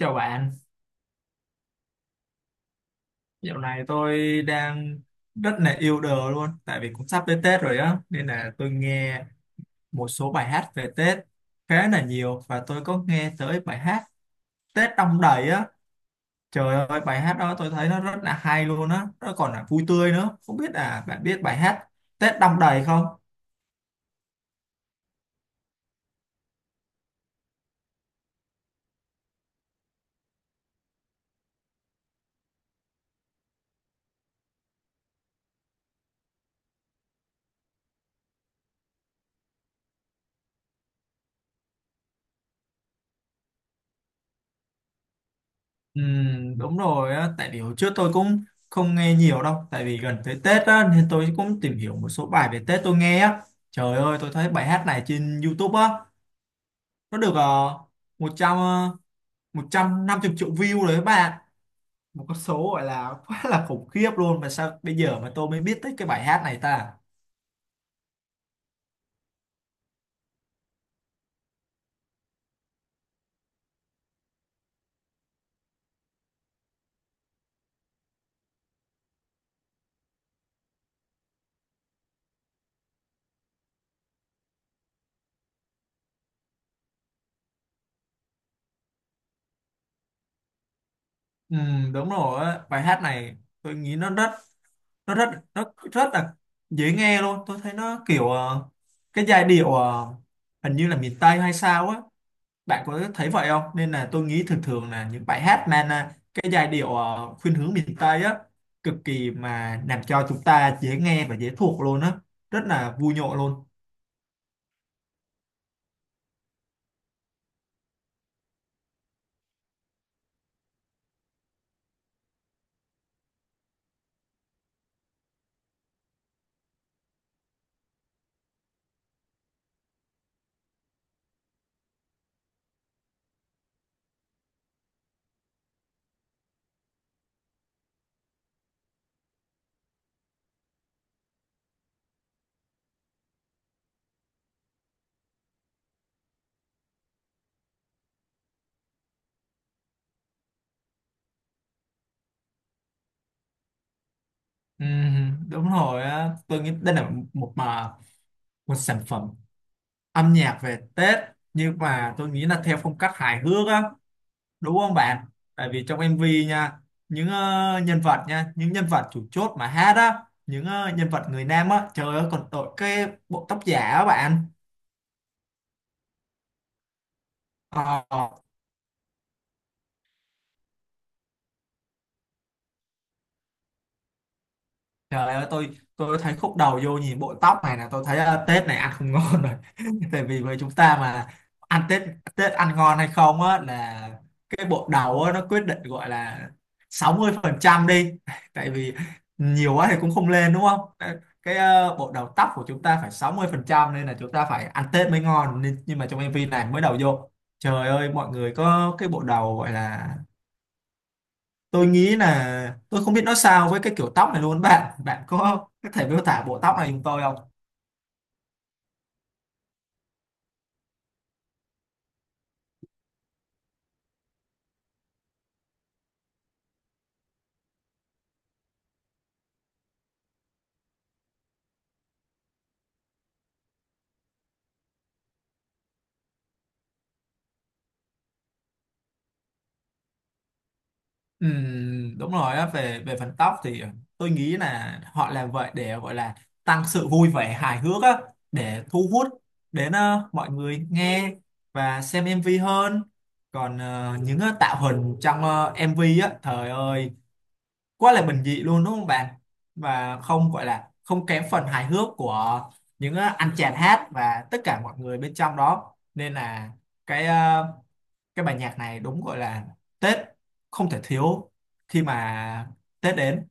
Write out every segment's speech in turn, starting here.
Chào bạn, dạo này tôi đang rất là yêu đời luôn tại vì cũng sắp tới Tết rồi á nên là tôi nghe một số bài hát về Tết khá là nhiều và tôi có nghe tới bài hát Tết Đong Đầy á. Trời ơi bài hát đó tôi thấy nó rất là hay luôn á, nó còn là vui tươi nữa. Không biết là bạn biết bài hát Tết Đong Đầy không? Đúng rồi á, tại vì hồi trước tôi cũng không nghe nhiều đâu, tại vì gần tới Tết á nên tôi cũng tìm hiểu một số bài về Tết tôi nghe á. Trời ơi, tôi thấy bài hát này trên YouTube á, nó được 100 ờ, một trăm năm 150 triệu view đấy các bạn, một con số gọi là quá là khủng khiếp luôn, mà sao bây giờ mà tôi mới biết tới cái bài hát này ta. Ừ, đúng rồi á, bài hát này tôi nghĩ nó rất nó rất là dễ nghe luôn. Tôi thấy nó kiểu cái giai điệu hình như là miền Tây hay sao á, bạn có thấy vậy không? Nên là tôi nghĩ thường thường là những bài hát mang à, cái giai điệu khuynh hướng miền Tây á, cực kỳ mà làm cho chúng ta dễ nghe và dễ thuộc luôn á, rất là vui nhộn luôn. Ừ, đúng rồi á, tôi nghĩ đây là một mà một sản phẩm âm nhạc về Tết, nhưng mà tôi nghĩ là theo phong cách hài hước á, đúng không bạn? Tại vì trong MV nha, những nhân vật nha, những nhân vật chủ chốt mà hát á, những nhân vật người nam á, trời ơi còn đội cái bộ tóc giả á bạn. Ờ, trời ơi tôi thấy khúc đầu vô nhìn bộ tóc này là tôi thấy Tết này ăn không ngon rồi tại vì với chúng ta mà ăn Tết, Tết ăn ngon hay không á là cái bộ đầu á, nó quyết định gọi là 60 phần trăm đi tại vì nhiều quá thì cũng không lên đúng không? Cái bộ đầu tóc của chúng ta phải 60 phần trăm, nên là chúng ta phải ăn Tết mới ngon. Nên nhưng mà trong MV này mới đầu vô, trời ơi mọi người có cái bộ đầu gọi là, tôi nghĩ là tôi không biết nói sao với cái kiểu tóc này luôn bạn bạn có thể miêu tả bộ tóc này giùm tôi không? Đúng rồi á, về về phần tóc thì tôi nghĩ là họ làm vậy để gọi là tăng sự vui vẻ hài hước á, để thu hút đến mọi người nghe và xem MV hơn. Còn tạo hình trong MV á, trời ơi quá là bình dị luôn đúng không bạn, và không gọi là không kém phần hài hước của những anh chàng hát và tất cả mọi người bên trong đó. Nên là cái ờ, cái bài nhạc này đúng gọi là Tết không thể thiếu khi mà Tết đến.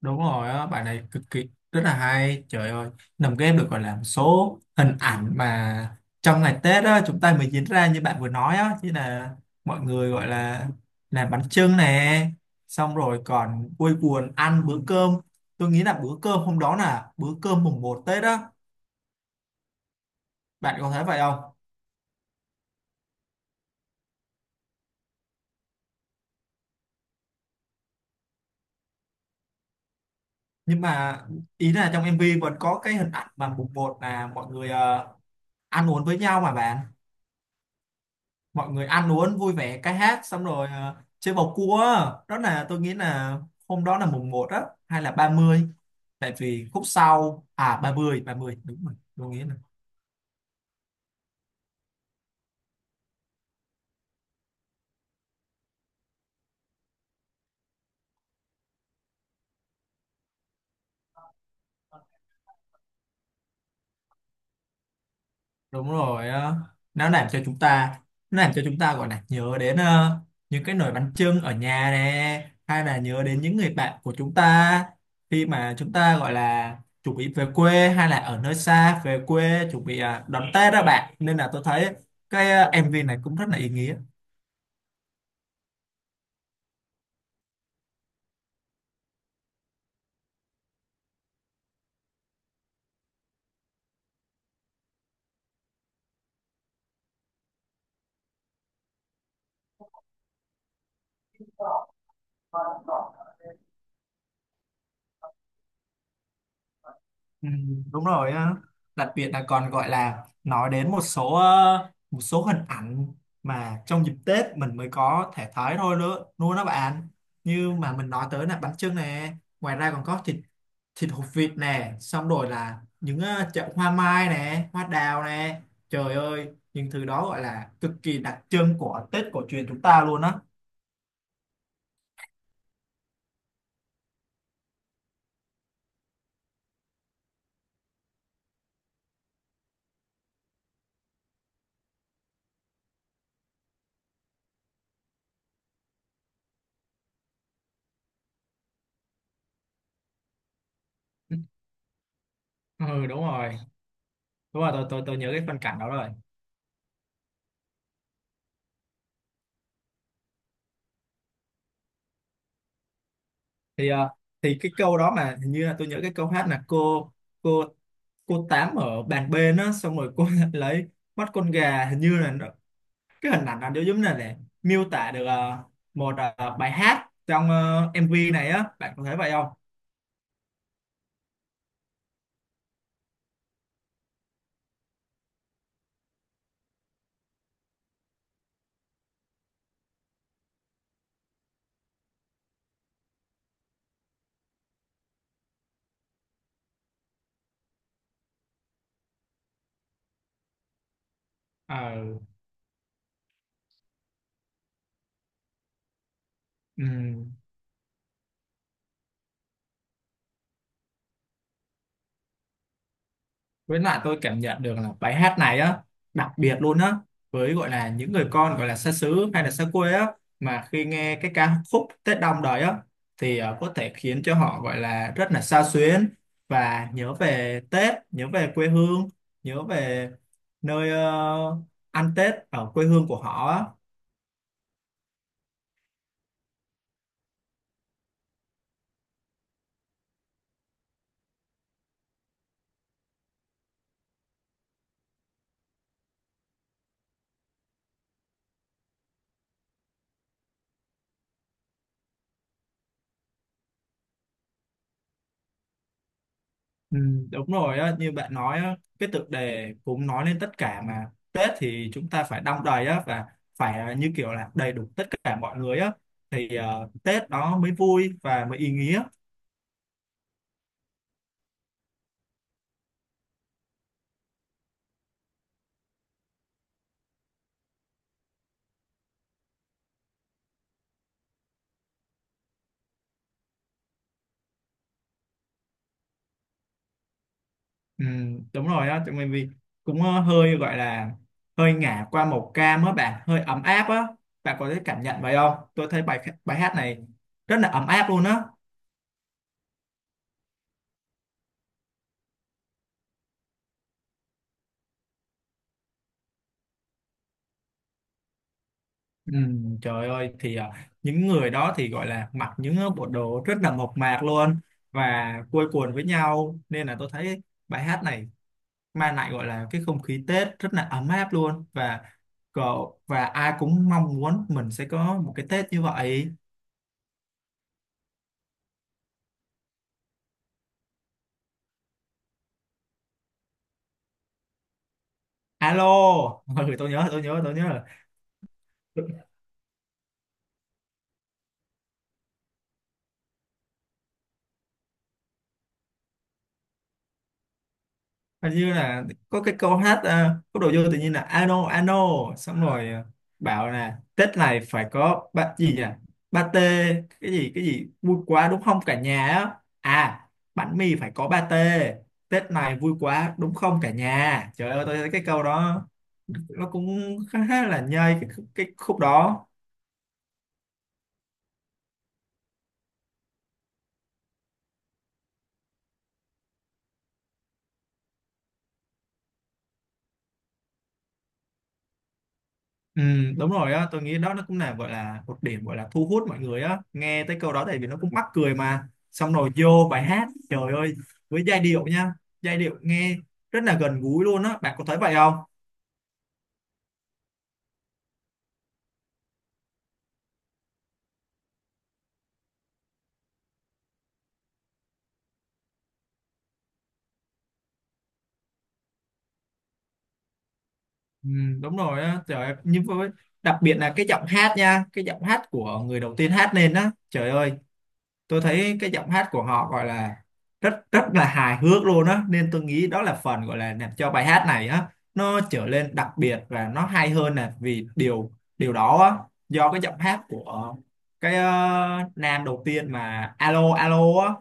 Đúng rồi á, bài này cực kỳ rất là hay. Trời ơi, nằm game được gọi là một số hình ảnh mà trong ngày Tết á, chúng ta mới diễn ra như bạn vừa nói á, như là mọi người gọi là làm bánh chưng nè, xong rồi còn vui buồn ăn bữa cơm. Tôi nghĩ là bữa cơm hôm đó là bữa cơm mùng một Tết á, bạn có thấy vậy không? Nhưng mà ý là trong MV vẫn có cái hình ảnh mà mùng một là mọi người ăn uống với nhau mà bạn. Mọi người ăn uống vui vẻ ca hát xong rồi chơi bầu cua á. Đó là tôi nghĩ là hôm đó là mùng một á hay là 30, tại vì khúc sau à ba mươi đúng rồi tôi nghĩ là đúng rồi. Ờ, nó làm cho chúng ta, nó làm cho chúng ta gọi là nhớ đến những cái nồi bánh chưng ở nhà nè, hay là nhớ đến những người bạn của chúng ta khi mà chúng ta gọi là chuẩn bị về quê hay là ở nơi xa về quê chuẩn bị à, đón Tết đó bạn. Nên là tôi thấy MV này cũng rất là ý nghĩa. Ừ, đúng rồi á, đặc biệt là còn gọi là nói đến một số một số hình ảnh mà trong dịp Tết mình mới có thể thấy thôi nữa luôn đó bạn, như mà mình nói tới là bánh chưng nè, ngoài ra còn có thịt thịt hột vịt nè, xong rồi là những chậu hoa mai nè, hoa đào nè, trời ơi những thứ đó gọi là cực kỳ đặc trưng của Tết cổ truyền chúng ta luôn á. Ừ đúng rồi, đúng rồi tôi nhớ cái phân cảnh đó rồi. thì ờ, thì cái câu đó mà hình như là tôi nhớ cái câu hát là cô cô tám ở bàn bên á, xong rồi cô lấy mắt con gà, hình như là nó, cái hình ảnh nó giống như là để miêu tả được một bài hát trong MV này á, bạn có thấy vậy không? Ờ, ừ. Với lại tôi cảm nhận được là bài hát này á đặc biệt luôn á với gọi là những người con gọi là xa xứ hay là xa quê á, mà khi nghe cái ca khúc Tết Đong Đầy á thì có thể khiến cho họ gọi là rất là xao xuyến và nhớ về Tết, nhớ về quê hương, nhớ về nơi ăn Tết ở quê hương của họ á. Ừ, đúng rồi á, như bạn nói á, cái tựa đề cũng nói lên tất cả, mà Tết thì chúng ta phải đong đầy á, và phải à, như kiểu là đầy đủ tất cả mọi người á thì Tết nó mới vui và mới ý nghĩa. Ừ, đúng rồi á, mình vì cũng hơi gọi là hơi ngả qua màu cam á bạn, hơi ấm áp á. Bạn có thể cảm nhận vậy không? Tôi thấy bài bài hát này rất là ấm áp luôn á. Ừ, trời ơi thì à, những người đó thì gọi là mặc những bộ đồ rất là mộc mạc luôn và quây quần với nhau, nên là tôi thấy bài hát này mang lại gọi là cái không khí Tết rất là ấm áp luôn, và cậu và ai cũng mong muốn mình sẽ có một cái Tết như vậy. Alo ừ, tôi nhớ rồi. Hình như là có cái câu hát có đồ vô tự nhiên là ano ano, xong rồi bảo là Tết này phải có ba gì nhỉ, pate, cái gì vui quá đúng không cả nhà á, à bánh mì phải có pate, Tết này vui quá đúng không cả nhà. Trời ơi tôi thấy cái câu đó nó cũng khá là nhây cái khúc đó. Ừ, đúng rồi á, tôi nghĩ đó nó cũng là gọi là một điểm gọi là thu hút mọi người á. Nghe tới câu đó tại vì nó cũng mắc cười mà. Xong rồi vô bài hát, trời ơi, với giai điệu nha, giai điệu nghe rất là gần gũi luôn á, bạn có thấy vậy không? Ừ, đúng rồi á, trời ơi, nhưng với đặc biệt là cái giọng hát nha, cái giọng hát của người đầu tiên hát lên á, trời ơi. Tôi thấy cái giọng hát của họ gọi là rất rất là hài hước luôn á, nên tôi nghĩ đó là phần gọi là làm cho bài hát này á nó trở lên đặc biệt và nó hay hơn nè, vì điều điều đó á, do cái giọng hát của nam đầu tiên mà alo alo á.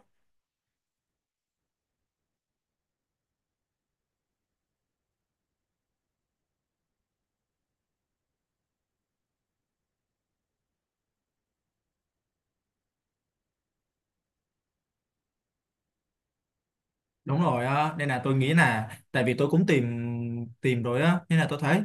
Đúng rồi á, nên là tôi nghĩ là tại vì tôi cũng tìm tìm rồi á, nên là tôi thấy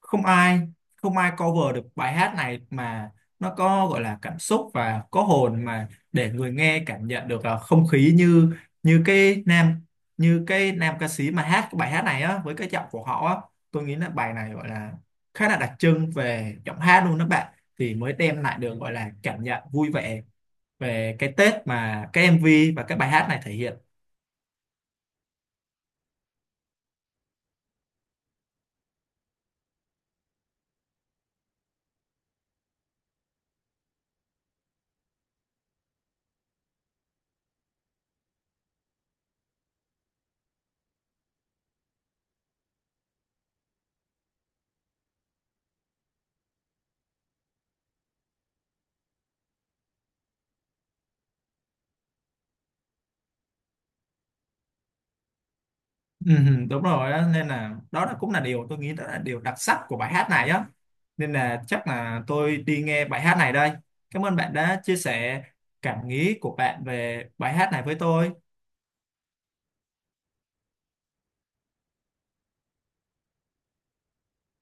không ai không ai cover được bài hát này mà nó có gọi là cảm xúc và có hồn mà để người nghe cảm nhận được là không khí như như cái nam như cái nam ca sĩ mà hát cái bài hát này á với cái giọng của họ á. Tôi nghĩ là bài này gọi là khá là đặc trưng về giọng hát luôn đó bạn, thì mới đem lại được gọi là cảm nhận vui vẻ về cái Tết mà cái MV và cái bài hát này thể hiện. Ừ, ừ, đúng rồi đó, nên là đó là cũng là điều tôi nghĩ đó là điều đặc sắc của bài hát này á, nên là chắc là tôi đi nghe bài hát này đây. Cảm ơn bạn đã chia sẻ cảm nghĩ của bạn về bài hát này với tôi.